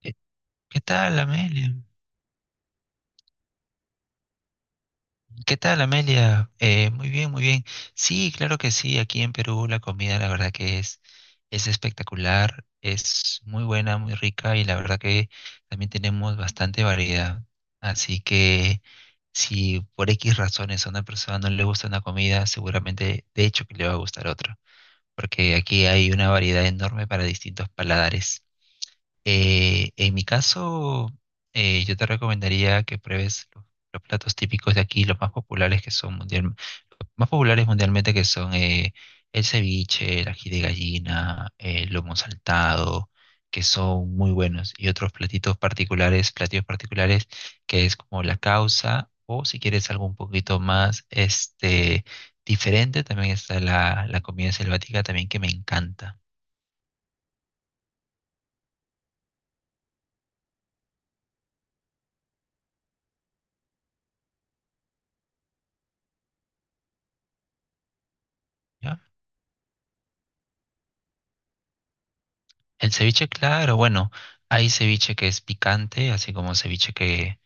¿Qué qué tal, Amelia? ¿Qué tal, Amelia? Muy bien, muy bien. Sí, claro que sí. Aquí en Perú la comida, la verdad que es espectacular, es muy buena, muy rica y la verdad que también tenemos bastante variedad. Así que si por X razones a una persona no le gusta una comida, seguramente de hecho que le va a gustar otra, porque aquí hay una variedad enorme para distintos paladares. En mi caso, yo te recomendaría que pruebes los platos típicos de aquí, los más populares que son mundial, los más populares mundialmente que son el ceviche, el ají de gallina, el lomo saltado, que son muy buenos, y otros platitos particulares, platillos particulares, que es como la causa, o si quieres algo un poquito más diferente, también está la comida selvática también que me encanta. ¿Ya? El ceviche, claro, bueno, hay ceviche que es picante, así como ceviche que,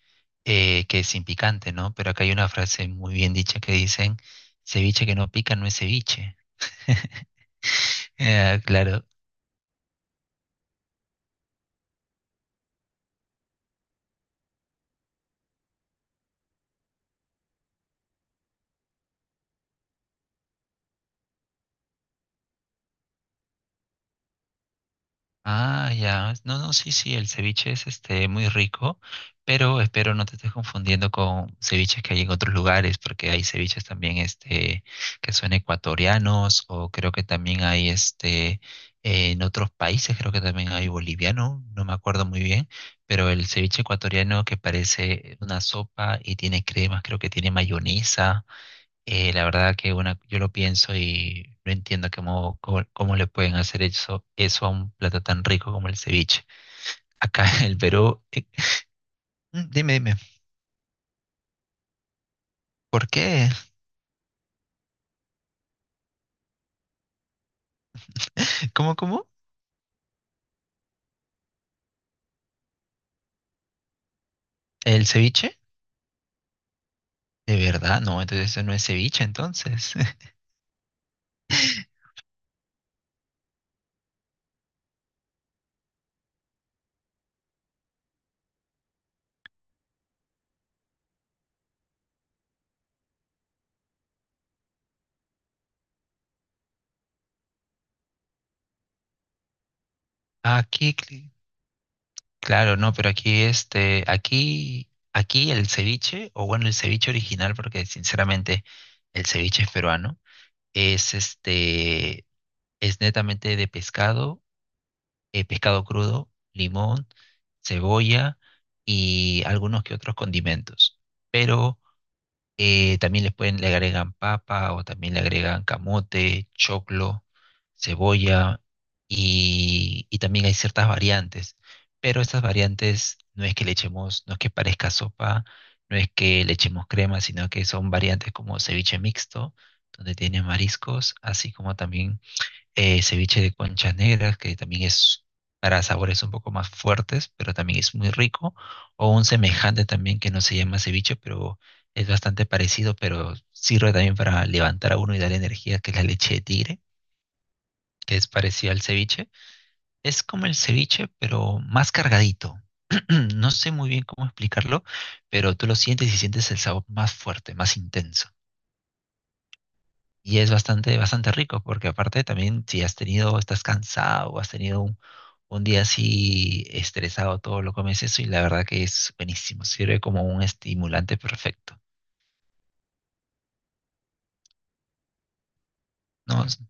eh, que es sin picante, ¿no? Pero acá hay una frase muy bien dicha que dicen, ceviche que no pica no es ceviche. Ah, claro. Ah, ya. No, no, sí, sí, el ceviche es este muy rico, pero espero no te estés confundiendo con ceviches que hay en otros lugares, porque hay ceviches también este que son ecuatorianos, o creo que también hay este en otros países, creo que también hay boliviano, no me acuerdo muy bien, pero el ceviche ecuatoriano que parece una sopa y tiene cremas, creo que tiene mayonesa. La verdad que bueno, yo lo pienso y no entiendo cómo le pueden hacer eso a un plato tan rico como el ceviche. Acá en el Perú. Mm dime, ¿por qué? ¿Cómo, cómo? ¿El ceviche? ¿De verdad? No, entonces eso no es ceviche, entonces. Aquí, cl- claro, no, pero aquí aquí, aquí el ceviche, o bueno, el ceviche original, porque sinceramente el ceviche es peruano, es es netamente de pescado pescado crudo, limón, cebolla y algunos que otros condimentos. Pero también les pueden, le agregan papa o también le agregan camote, choclo, cebolla y también hay ciertas variantes. Pero estas variantes no es que le echemos, no es que parezca sopa, no es que le echemos crema, sino que son variantes como ceviche mixto, donde tiene mariscos, así como también ceviche de conchas negras, que también es para sabores un poco más fuertes, pero también es muy rico, o un semejante también que no se llama ceviche, pero es bastante parecido, pero sirve también para levantar a uno y darle energía, que es la leche de tigre, que es parecida al ceviche. Es como el ceviche, pero más cargadito. No sé muy bien cómo explicarlo, pero tú lo sientes y sientes el sabor más fuerte, más intenso. Y es bastante rico, porque aparte también si has tenido, estás cansado o has tenido un día así estresado, todo lo comes eso y la verdad que es buenísimo, sirve como un estimulante perfecto, ¿no? Es-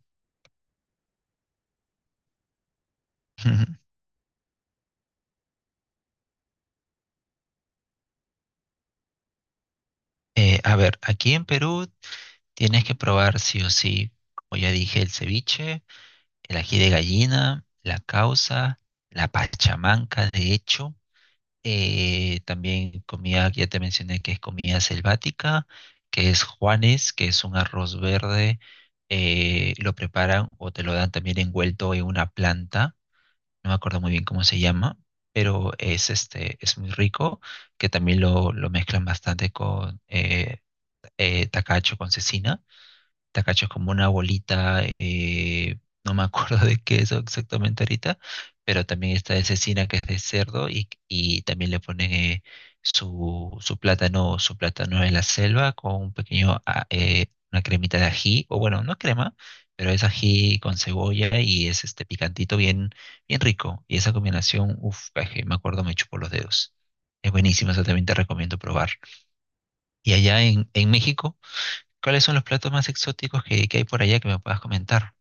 A ver, aquí en Perú tienes que probar sí o sí, como ya dije, el ceviche, el ají de gallina, la causa, la pachamanca, de hecho. También comida, que ya te mencioné que es comida selvática, que es Juanes, que es un arroz verde. Lo preparan o te lo dan también envuelto en una planta. No me acuerdo muy bien cómo se llama, pero es muy rico, que también lo mezclan bastante con tacacho, con cecina te cacho como una bolita, no me acuerdo de qué es exactamente ahorita, pero también está de cecina que es de cerdo y también le ponen su plátano en la selva con un pequeño, una cremita de ají, o bueno, no crema, pero es ají con cebolla y es este picantito bien rico. Y esa combinación, uff, me acuerdo, me chupo los dedos. Es buenísima, eso también te recomiendo probar. Y allá en México, ¿cuáles son los platos más exóticos que hay por allá que me puedas comentar?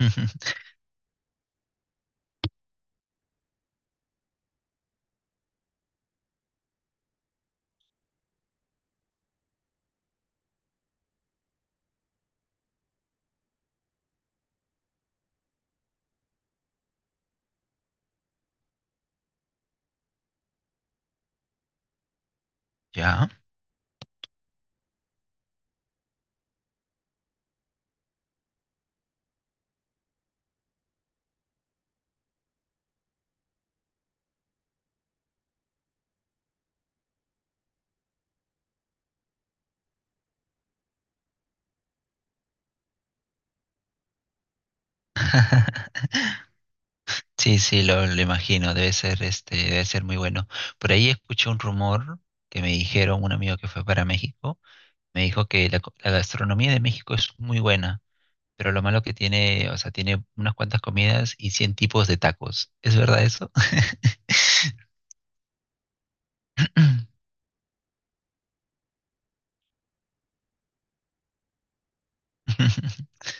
Ya. Sí, sí, lo imagino, debe ser, este, debe ser muy bueno. Por ahí escuché un rumor que me dijeron, un amigo que fue para México, me dijo que la gastronomía de México es muy buena, pero lo malo que tiene, o sea, tiene unas cuantas comidas y cien tipos de tacos. ¿Es verdad eso?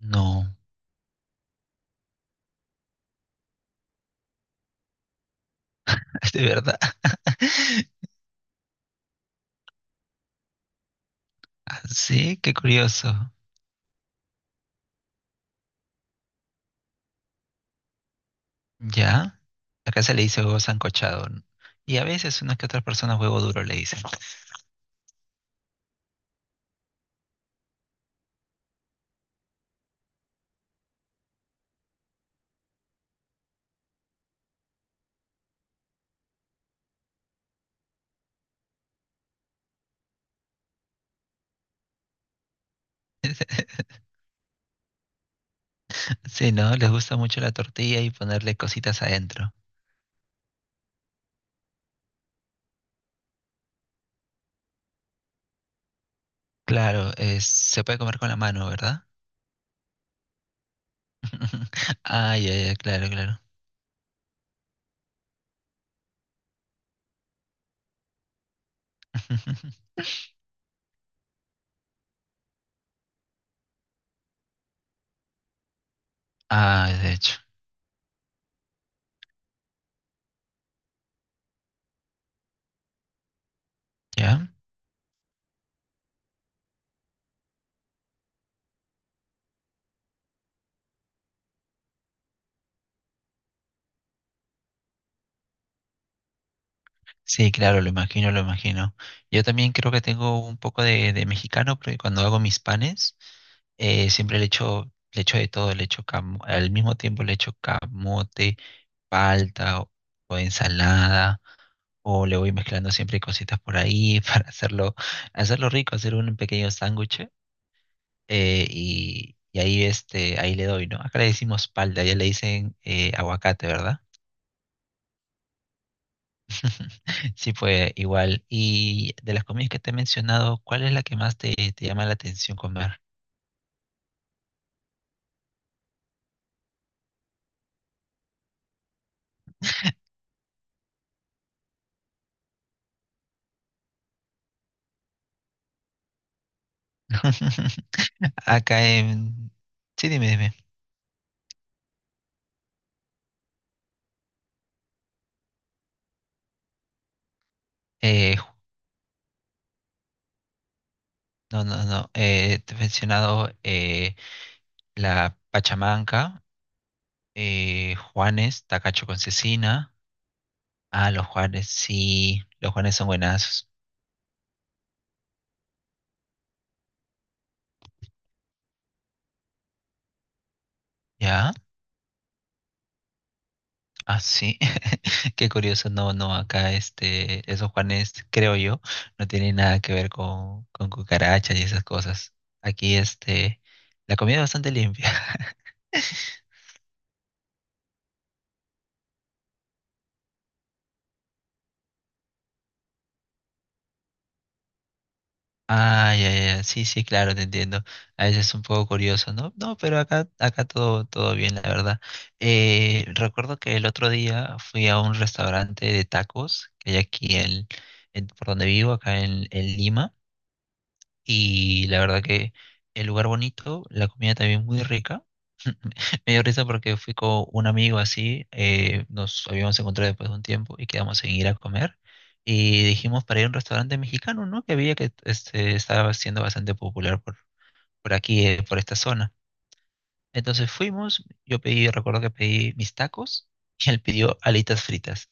No, es de verdad. Ah, sí, qué curioso. Ya, acá se le dice huevo sancochado, ¿no? Y a veces unas que otras personas huevo duro le dicen. Sí, ¿no? Les gusta mucho la tortilla y ponerle cositas adentro. Claro, es- se puede comer con la mano, ¿verdad? Ah, ya, ya, claro, claro. Ah, de hecho, ¿ya? Sí, claro, lo imagino, lo imagino. Yo también creo que tengo un poco de mexicano, porque cuando hago mis panes, siempre le echo de todo, al mismo tiempo le echo camote, palta o, o ensalada, o le voy mezclando siempre cositas por ahí para hacerlo rico, hacer un pequeño sándwich, y ahí ahí le doy, ¿no? Acá le decimos palta, ya le dicen aguacate, ¿verdad? Sí, fue igual. Y de las comidas que te he mencionado, ¿cuál es la que más te llama la atención comer? Acá en... Sí, dime, dime. Eh, ju- no, no, no. Te he mencionado la pachamanca, Juanes, tacacho con cecina. Ah, los Juanes, sí. Los Juanes son buenazos. Ah, sí, qué curioso. No, no, acá esos Juanes, creo yo, no tienen nada que ver con cucarachas y esas cosas. Aquí este, la comida es bastante limpia. Ah, ya, ya, ya, sí, sí, claro, te entiendo. A veces es un poco curioso, ¿no? No, pero acá, acá todo, todo bien, la verdad. Recuerdo que el otro día fui a un restaurante de tacos que hay aquí por donde vivo, acá en Lima. Y la verdad que el lugar bonito, la comida también muy rica. Me dio risa porque fui con un amigo así, nos habíamos encontrado después de un tiempo y quedamos en ir a comer. Y dijimos para ir a un restaurante mexicano, ¿no? Que había que estaba siendo bastante popular por aquí, por esta zona. Entonces fuimos, yo pedí, recuerdo que pedí mis tacos y él pidió alitas fritas.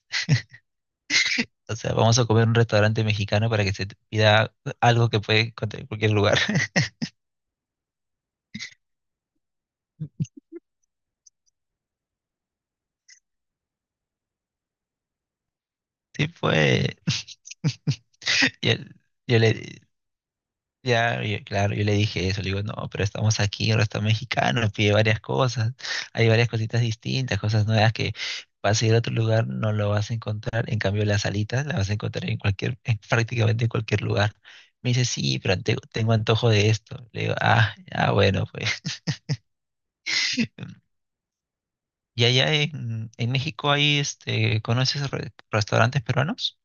O sea, vamos a comer en un restaurante mexicano para que se te pida algo que puede encontrar en cualquier lugar. Sí, fue. Y él- yo le, ya, yo- Claro, yo le dije eso, le digo, no, pero estamos aquí en un restaurante mexicano, pide varias cosas, hay varias cositas distintas, cosas nuevas que vas a ir a otro lugar, no lo vas a encontrar, en cambio las alitas las vas a encontrar en cualquier, en prácticamente en cualquier lugar. Me dice, sí, tengo antojo de esto. Le digo, ah, ah, bueno, pues. ¿Y allá en México hay, este, conoces restaurantes peruanos?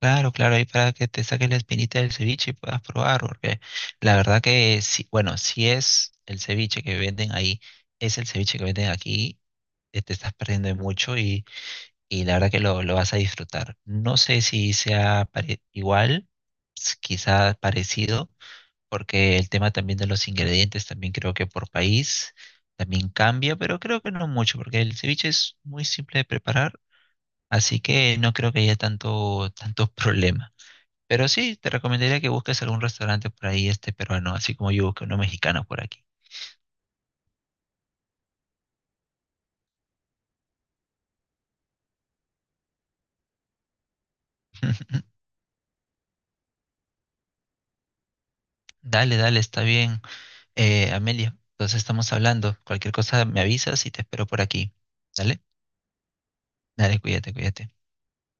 Claro, claro, ahí para que te saques la espinita del ceviche y puedas probar, porque la verdad que si, bueno, si es el ceviche que venden ahí, es el ceviche que venden aquí, te estás perdiendo de mucho y la verdad que lo vas a disfrutar. No sé si sea igual, s- quizá parecido, porque el tema también de los ingredientes, también creo que por país también cambia, pero creo que no mucho, porque el ceviche es muy simple de preparar, así que no creo que haya tanto problema. Pero sí, te recomendaría que busques algún restaurante por ahí, este peruano, así como yo busqué uno mexicano por aquí. Dale, dale, está bien, Amelia. Entonces estamos hablando. Cualquier cosa me avisas y te espero por aquí. Dale, dale, cuídate, cuídate.